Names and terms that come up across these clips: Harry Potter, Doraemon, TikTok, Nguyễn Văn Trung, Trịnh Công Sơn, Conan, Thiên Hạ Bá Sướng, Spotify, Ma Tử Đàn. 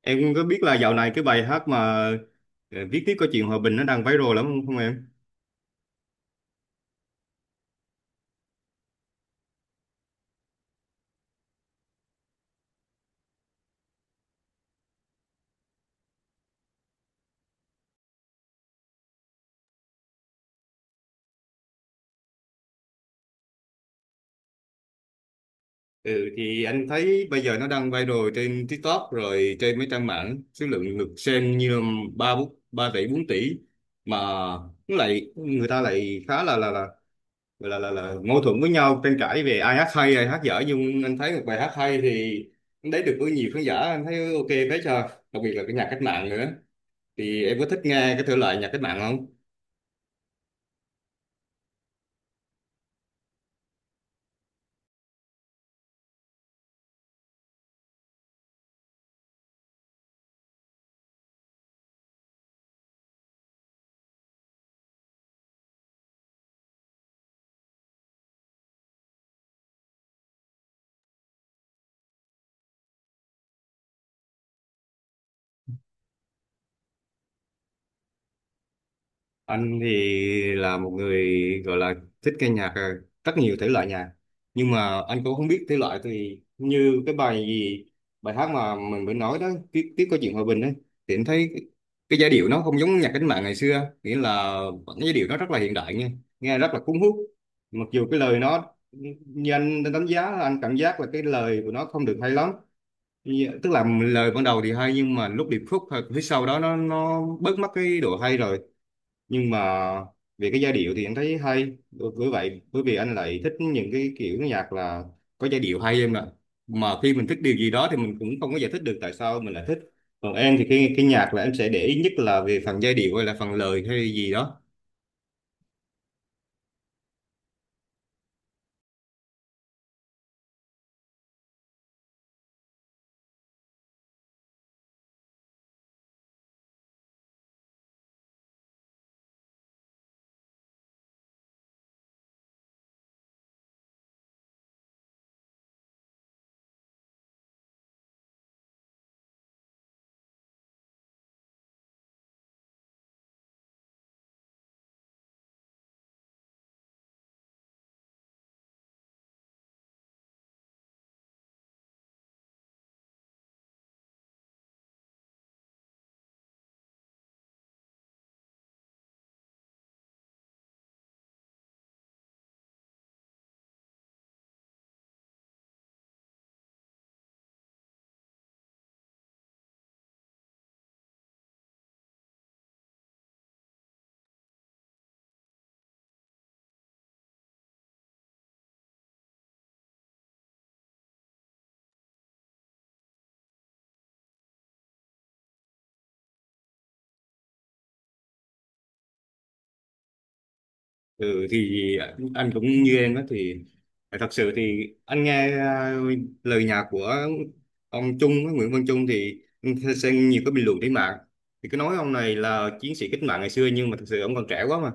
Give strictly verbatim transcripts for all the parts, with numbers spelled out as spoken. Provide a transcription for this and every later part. Em có biết là dạo này cái bài hát mà ờ, viết tiếp câu chuyện hòa bình nó đang viral lắm không, không em? Ừ thì anh thấy bây giờ nó đang viral trên TikTok rồi trên mấy trang mạng số lượng lượt xem như là ba bốn- ba tỷ bốn tỷ mà nó lại người ta lại khá là là là là là, là mâu thuẫn với nhau tranh cãi về ai hát hay ai hát dở, nhưng anh thấy một bài hát hay thì nó lấy được với nhiều khán giả. Anh thấy ok phết, cho đặc biệt là cái nhạc cách mạng nữa. Thì em có thích nghe cái thể loại nhạc cách mạng không? Anh thì là một người gọi là thích nghe nhạc ờ, rất nhiều thể loại nhạc, nhưng mà anh cũng không biết thể loại thì như cái bài gì, bài hát mà mình mới nói đó, tiếp tiếp có chuyện hòa bình đấy, thì anh thấy cái, cái giai điệu nó không giống nhạc cách mạng ngày xưa, nghĩa là vẫn cái giai điệu nó rất là hiện đại, nghe nghe rất là cuốn hút. Mặc dù cái lời nó, như anh đánh giá, là anh cảm giác là cái lời của nó không được hay lắm. Như- tức là lời ban đầu thì hay, nhưng mà lúc điệp khúc hoặc phía sau đó nó nó bớt mất cái độ hay rồi. Nhưng mà về cái giai điệu thì anh thấy hay, bởi bởi vậy bởi vì anh lại thích những cái kiểu nhạc là có giai điệu hay em ạ. Mà khi mình thích điều gì đó thì mình cũng không có giải thích được tại sao mình lại thích. Còn em thì cái cái nhạc là em sẽ để ý nhất là về phần giai điệu hay là phần lời hay gì đó? Ừ, thì anh cũng như em đó. Thì thật sự thì anh nghe ờ, lời nhạc của ông Trung Nguyễn Văn Trung, thì anh xem nhiều cái bình luận trên mạng thì cứ nói ông này là chiến sĩ cách mạng ngày xưa, nhưng mà thật sự ông còn trẻ quá mà,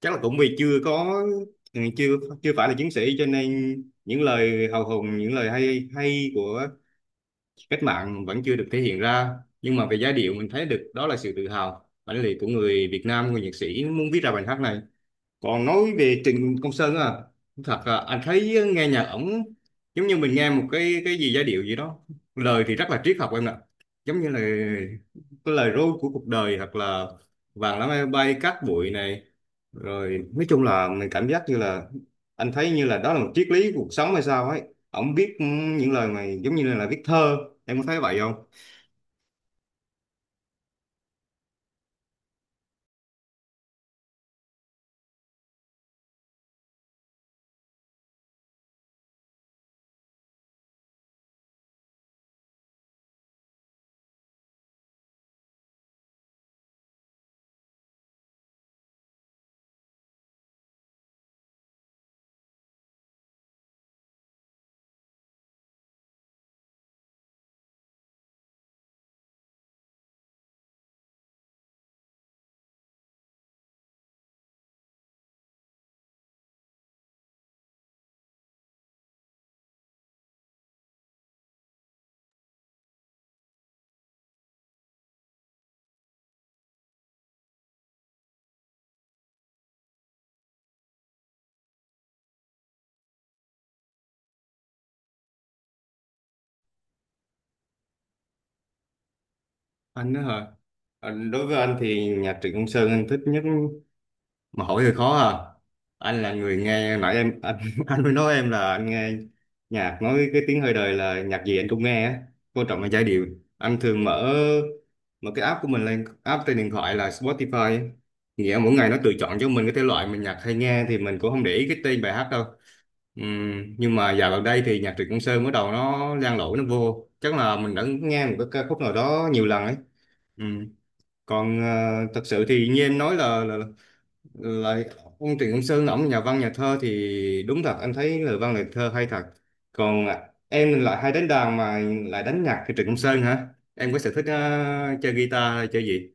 chắc là cũng vì chưa có, ừ, chưa chưa phải là chiến sĩ, cho nên những lời hào hùng, những lời hay hay của cách mạng vẫn chưa được thể hiện ra. Nhưng mà về giai điệu mình thấy được đó là sự tự hào, bản lĩnh của người Việt Nam, người nhạc sĩ muốn viết ra bài hát này. Còn nói về Trịnh Công Sơn à, thật là anh thấy nghe nhạc ổng giống như mình nghe một cái cái gì giai điệu gì đó, lời thì rất là triết học em ạ. Giống như là cái lời ru của cuộc đời, hoặc là vàng lá bay bay cát bụi này, rồi nói chung là mình cảm giác như là, anh thấy như là đó là một triết lý cuộc sống hay sao ấy. Ổng viết những lời này giống như là viết thơ, em có thấy vậy không? Anh đó hả? Ờ, đối với anh thì nhạc Trịnh Công Sơn anh thích nhất mà hỏi hơi khó à. Anh là người nghe nãy em anh anh mới nói em là anh nghe nhạc, nói cái tiếng hơi đời, là nhạc gì anh cũng nghe á, quan trọng là giai điệu. Anh thường mở mở cái app của mình lên, app trên điện thoại là Spotify á. Nghĩa mỗi ngày nó tự chọn cho mình cái thể loại mình nhạc hay nghe, thì mình cũng không để ý cái tên bài hát đâu. Ừm, nhưng mà dạo gần đây thì nhạc Trịnh Công Sơn bắt đầu nó lan lỗi nó vô, chắc là mình đã nghe một cái ca khúc nào đó nhiều lần ấy. Ừm. Còn ờ, thật sự thì như em nói là, là là lại ông Trịnh Công Sơn ổng nhà văn nhà thơ, thì đúng thật anh thấy lời văn lời thơ hay thật. Còn à, em lại hay đánh đàn mà, lại đánh nhạc thì Trịnh Công Sơn hả? Em có sở thích ờ, chơi guitar hay chơi gì?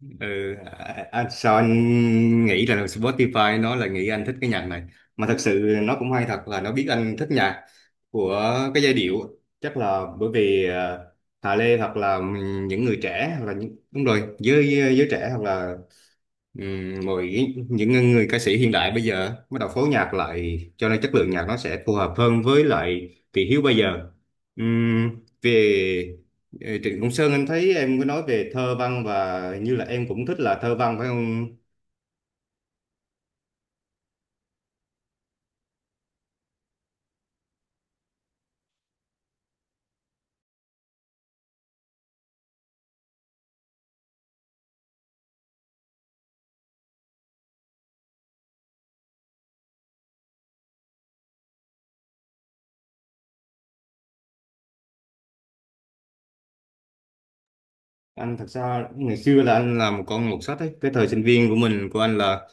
Ừ à, à, sao anh nghĩ là Spotify nó là nghĩ anh thích cái nhạc này, mà thật sự nó cũng hay thật là nó biết anh thích nhạc của cái giai điệu. Chắc là bởi vì ờ, Hà Lê hoặc là những người trẻ, hoặc là những, đúng rồi, giới giới trẻ, hoặc là ừm, mọi những người ca sĩ hiện đại bây giờ bắt đầu phối nhạc lại, cho nên chất lượng nhạc nó sẽ phù hợp hơn với lại thị hiếu bây giờ. Ừm, về, Ờ, Trịnh Công Sơn anh thấy em có nói về thơ văn, và hình như là em cũng thích là thơ văn phải không? Anh thật ra ngày xưa là anh làm một con mọt sách ấy. Cái thời sinh viên của mình của anh là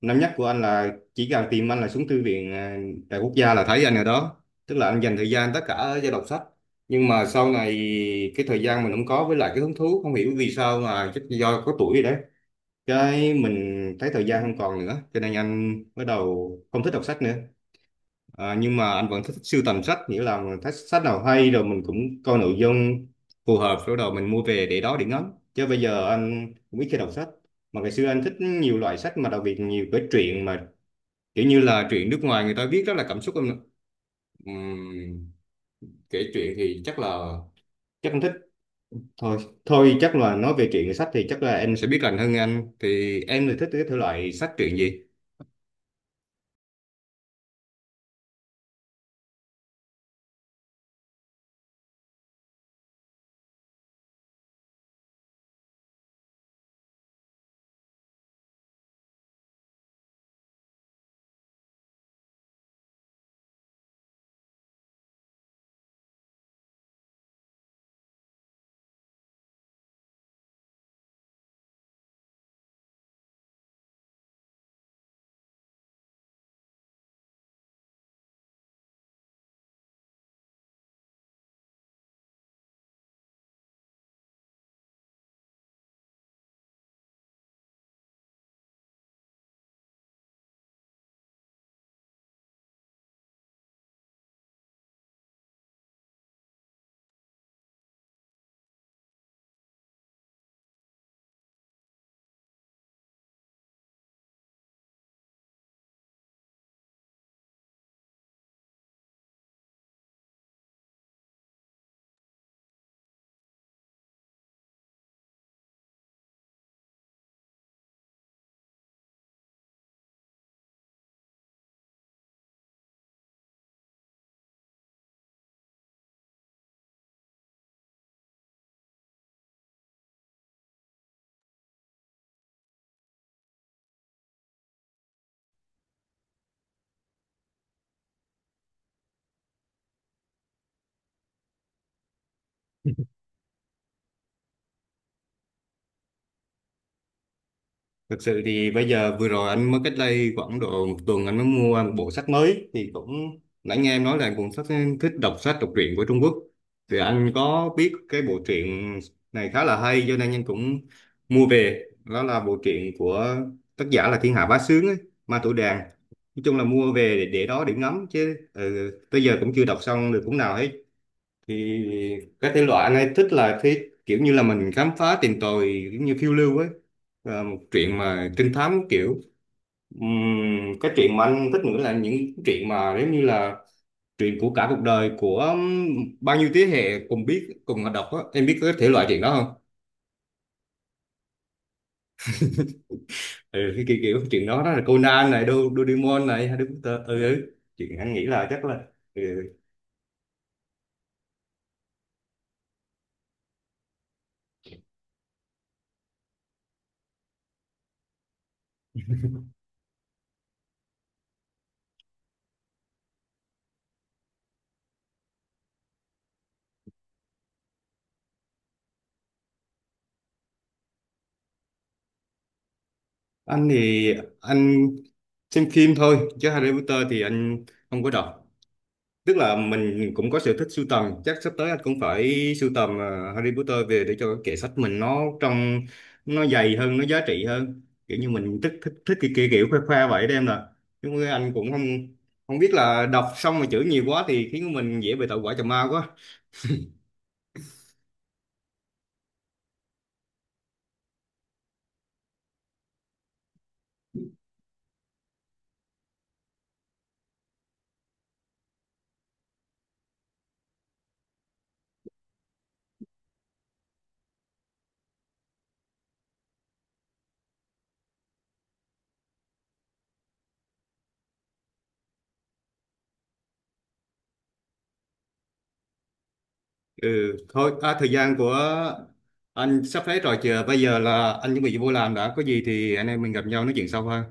năm nhất của anh là chỉ cần tìm anh là xuống thư viện à, Đại Quốc gia là thấy anh ở đó. Tức là anh dành thời gian tất cả cho đọc sách. Nhưng mà sau này cái thời gian mình không có, với lại cái hứng thú không hiểu vì sao, mà chắc do có tuổi rồi đấy. Cái mình thấy thời gian không còn nữa, cho nên anh bắt đầu không thích đọc sách nữa. À, nhưng mà anh vẫn thích sưu tầm sách, nghĩa là mình thích sách nào hay rồi mình cũng coi nội dung phù hợp rồi đầu mình mua về để đó để ngắm, chứ bây giờ anh cũng ít khi đọc sách. Mà ngày xưa anh thích nhiều loại sách, mà đặc biệt nhiều cái truyện mà kiểu như là truyện nước ngoài người ta viết rất là cảm xúc em ạ. Ừm, kể chuyện thì chắc là, chắc anh thích thôi thôi chắc là nói về truyện sách thì chắc là em sẽ biết lành hơn anh. Thì em thì thích cái thể loại sách truyện gì? Thực sự thì bây giờ vừa rồi anh mới, cách đây khoảng độ một tuần anh mới mua một bộ sách mới, thì cũng nãy nghe em nói là cuốn sách thích đọc sách đọc truyện của Trung Quốc, thì anh có biết cái bộ truyện này khá là hay, cho nên anh cũng mua về. Đó là bộ truyện của tác giả là Thiên Hạ Bá Sướng ấy, Ma Tử Đàn, nói chung là mua về để, để đó để ngắm, chứ ừ, tới giờ cũng chưa đọc xong được cuốn nào hết. Thì cái thể loại anh ấy thích là thế, kiểu như là mình khám phá tìm tòi giống như phiêu lưu ấy. Và một chuyện mà trinh thám kiểu. Ừm, cái chuyện mà anh thích nữa là những chuyện mà giống như là chuyện của cả cuộc đời của bao nhiêu thế hệ cùng biết cùng đọc á, em biết cái thể loại chuyện đó không? Ừ, cái kiểu, kiểu chuyện đó đó là Conan này, Do- Doraemon này, Harry Potter, ừ, ừ. Chuyện anh nghĩ là chắc là ừ. Anh thì anh xem phim thôi, chứ Harry Potter thì anh không có đọc. Tức là mình cũng có sở thích sưu tầm, chắc sắp tới anh cũng phải sưu tầm à, Harry Potter về để cho cái kệ sách mình nó trong, nó dày hơn nó giá trị hơn, kiểu như mình thích thích thích cái kiểu, kiểu khoe khoe vậy đó em nè. Nhưng mà anh cũng không không biết là đọc xong mà chữ nhiều quá thì khiến mình dễ bị tẩu hỏa trầm ma quá. Ừ thôi à, thời gian của anh sắp hết rồi, chờ bây giờ là anh chuẩn bị vô làm đã, có gì thì anh em mình gặp nhau nói chuyện sau ha.